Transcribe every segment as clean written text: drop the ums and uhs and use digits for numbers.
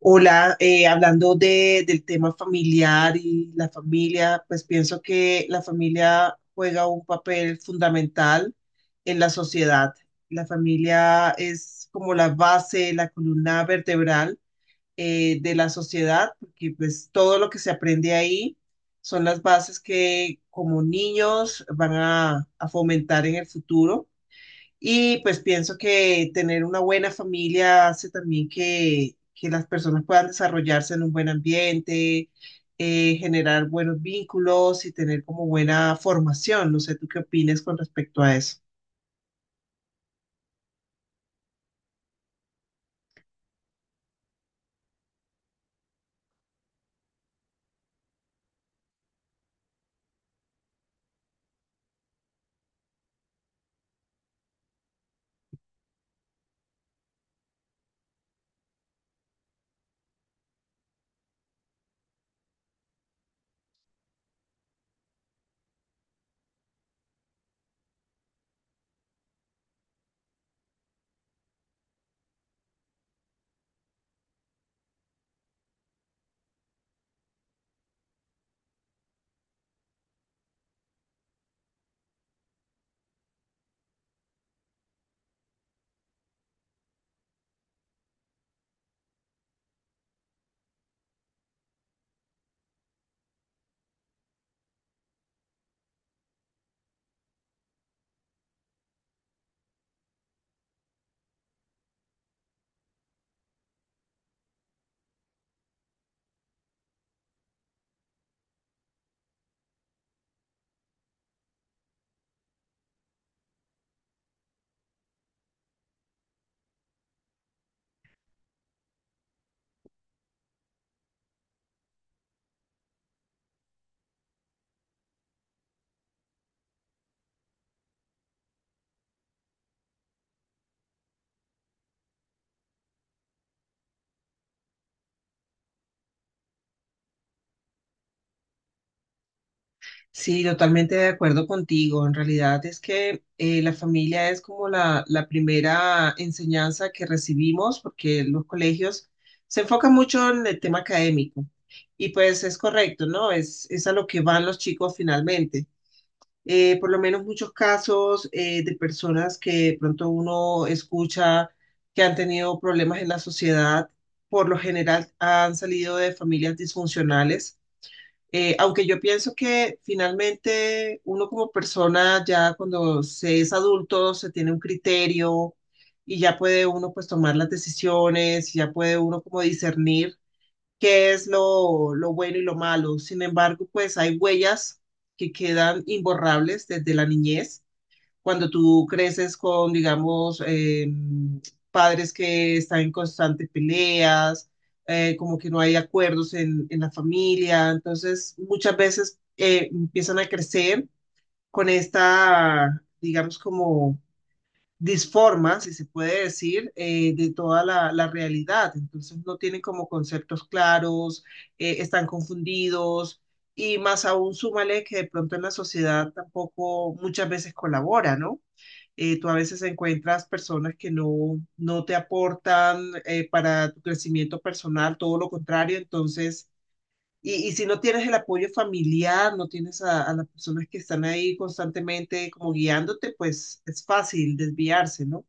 Hola, hablando de, del tema familiar y la familia, pues pienso que la familia juega un papel fundamental en la sociedad. La familia es como la base, la columna vertebral de la sociedad, porque pues todo lo que se aprende ahí son las bases que como niños van a fomentar en el futuro y pues pienso que tener una buena familia hace también que las personas puedan desarrollarse en un buen ambiente, generar buenos vínculos y tener como buena formación. No sé, ¿tú qué opinas con respecto a eso? Sí, totalmente de acuerdo contigo. En realidad es que la familia es como la primera enseñanza que recibimos porque los colegios se enfocan mucho en el tema académico y pues es correcto, ¿no? Es a lo que van los chicos finalmente. Por lo menos muchos casos de personas que de pronto uno escucha que han tenido problemas en la sociedad, por lo general han salido de familias disfuncionales. Aunque yo pienso que finalmente uno como persona ya cuando se es adulto se tiene un criterio y ya puede uno pues tomar las decisiones, ya puede uno como discernir qué es lo bueno y lo malo. Sin embargo, pues hay huellas que quedan imborrables desde la niñez. Cuando tú creces con, digamos, padres que están en constantes peleas, como que no hay acuerdos en la familia, entonces muchas veces empiezan a crecer con esta, digamos, como disforman, si se puede decir, de toda la, la realidad. Entonces no tienen como conceptos claros, están confundidos y más aún súmale que de pronto en la sociedad tampoco muchas veces colabora, ¿no? Tú a veces encuentras personas que no, no te aportan para tu crecimiento personal, todo lo contrario, entonces... Y, y si no tienes el apoyo familiar, no tienes a las personas que están ahí constantemente como guiándote, pues es fácil desviarse, ¿no?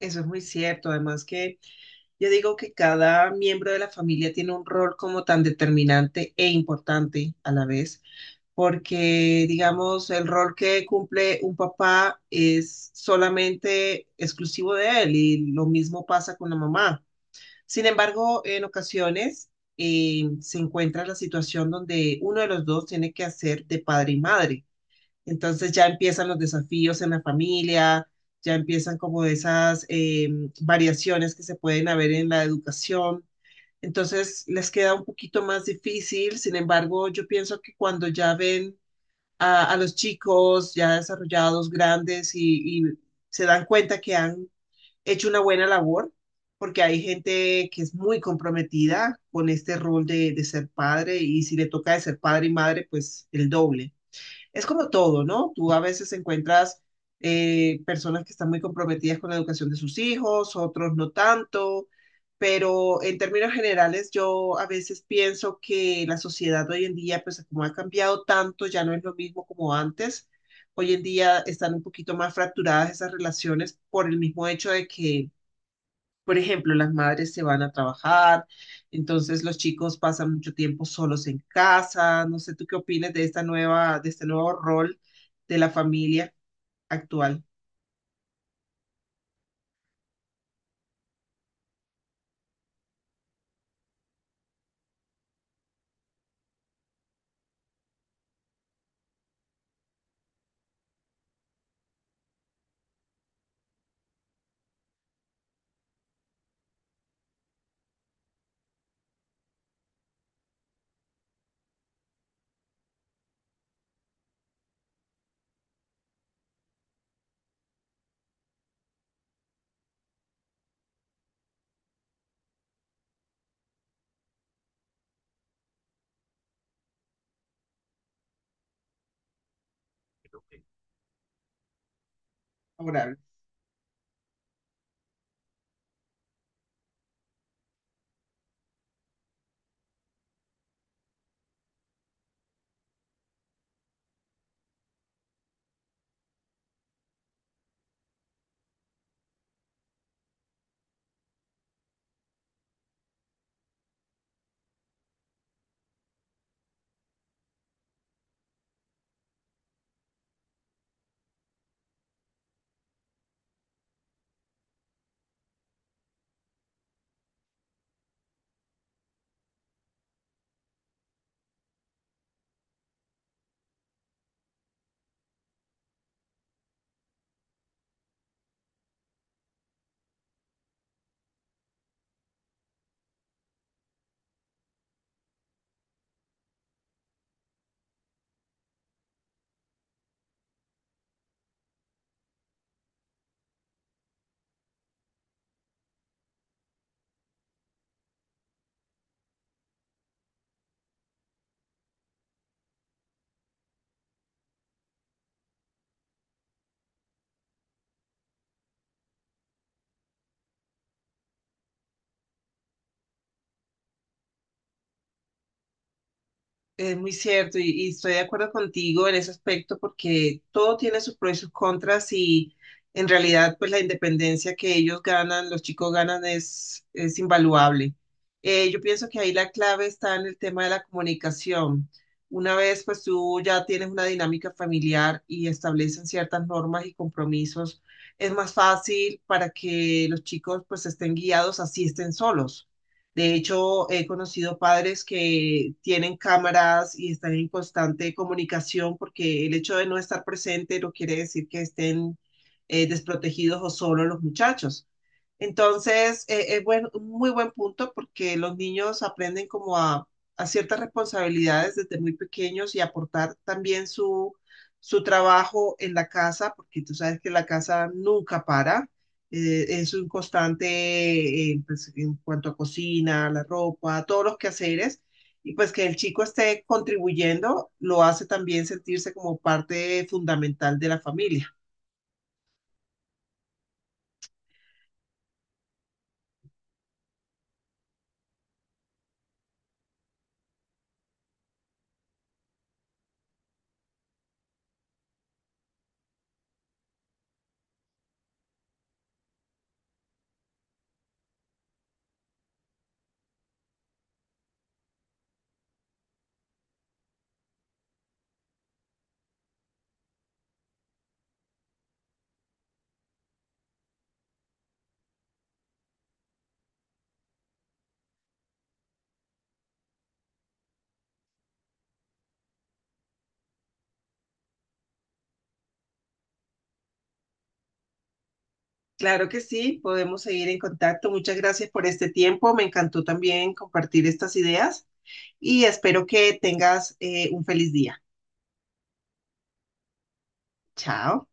Eso es muy cierto, además que yo digo que cada miembro de la familia tiene un rol como tan determinante e importante a la vez, porque digamos, el rol que cumple un papá es solamente exclusivo de él y lo mismo pasa con la mamá. Sin embargo, en ocasiones se encuentra la situación donde uno de los dos tiene que hacer de padre y madre. Entonces ya empiezan los desafíos en la familia, ya empiezan como esas variaciones que se pueden haber en la educación. Entonces les queda un poquito más difícil, sin embargo, yo pienso que cuando ya ven a los chicos ya desarrollados, grandes y se dan cuenta que han hecho una buena labor, porque hay gente que es muy comprometida con este rol de ser padre y si le toca de ser padre y madre, pues el doble es como todo, ¿no? Tú a veces encuentras personas que están muy comprometidas con la educación de sus hijos, otros no tanto, pero en términos generales yo a veces pienso que la sociedad hoy en día, pues como ha cambiado tanto, ya no es lo mismo como antes. Hoy en día están un poquito más fracturadas esas relaciones por el mismo hecho de que por ejemplo, las madres se van a trabajar, entonces los chicos pasan mucho tiempo solos en casa. No sé, ¿tú qué opinas de esta nueva, de este nuevo rol de la familia actual, ahora? Es muy cierto y estoy de acuerdo contigo en ese aspecto porque todo tiene sus pros y sus contras y en realidad pues la independencia que ellos ganan, los chicos ganan es invaluable. Yo pienso que ahí la clave está en el tema de la comunicación. Una vez pues tú ya tienes una dinámica familiar y establecen ciertas normas y compromisos, es más fácil para que los chicos pues estén guiados así estén solos. De hecho, he conocido padres que tienen cámaras y están en constante comunicación porque el hecho de no estar presente no quiere decir que estén desprotegidos o solos los muchachos. Entonces, es buen- un muy buen punto porque los niños aprenden como a ciertas responsabilidades desde muy pequeños y aportar también su trabajo en la casa, porque tú sabes que la casa nunca para es un constante pues, en cuanto a cocina, la ropa, todos los quehaceres, y pues que el chico esté contribuyendo lo hace también sentirse como parte fundamental de la familia. Claro que sí, podemos seguir en contacto. Muchas gracias por este tiempo. Me encantó también compartir estas ideas y espero que tengas un feliz día. Chao.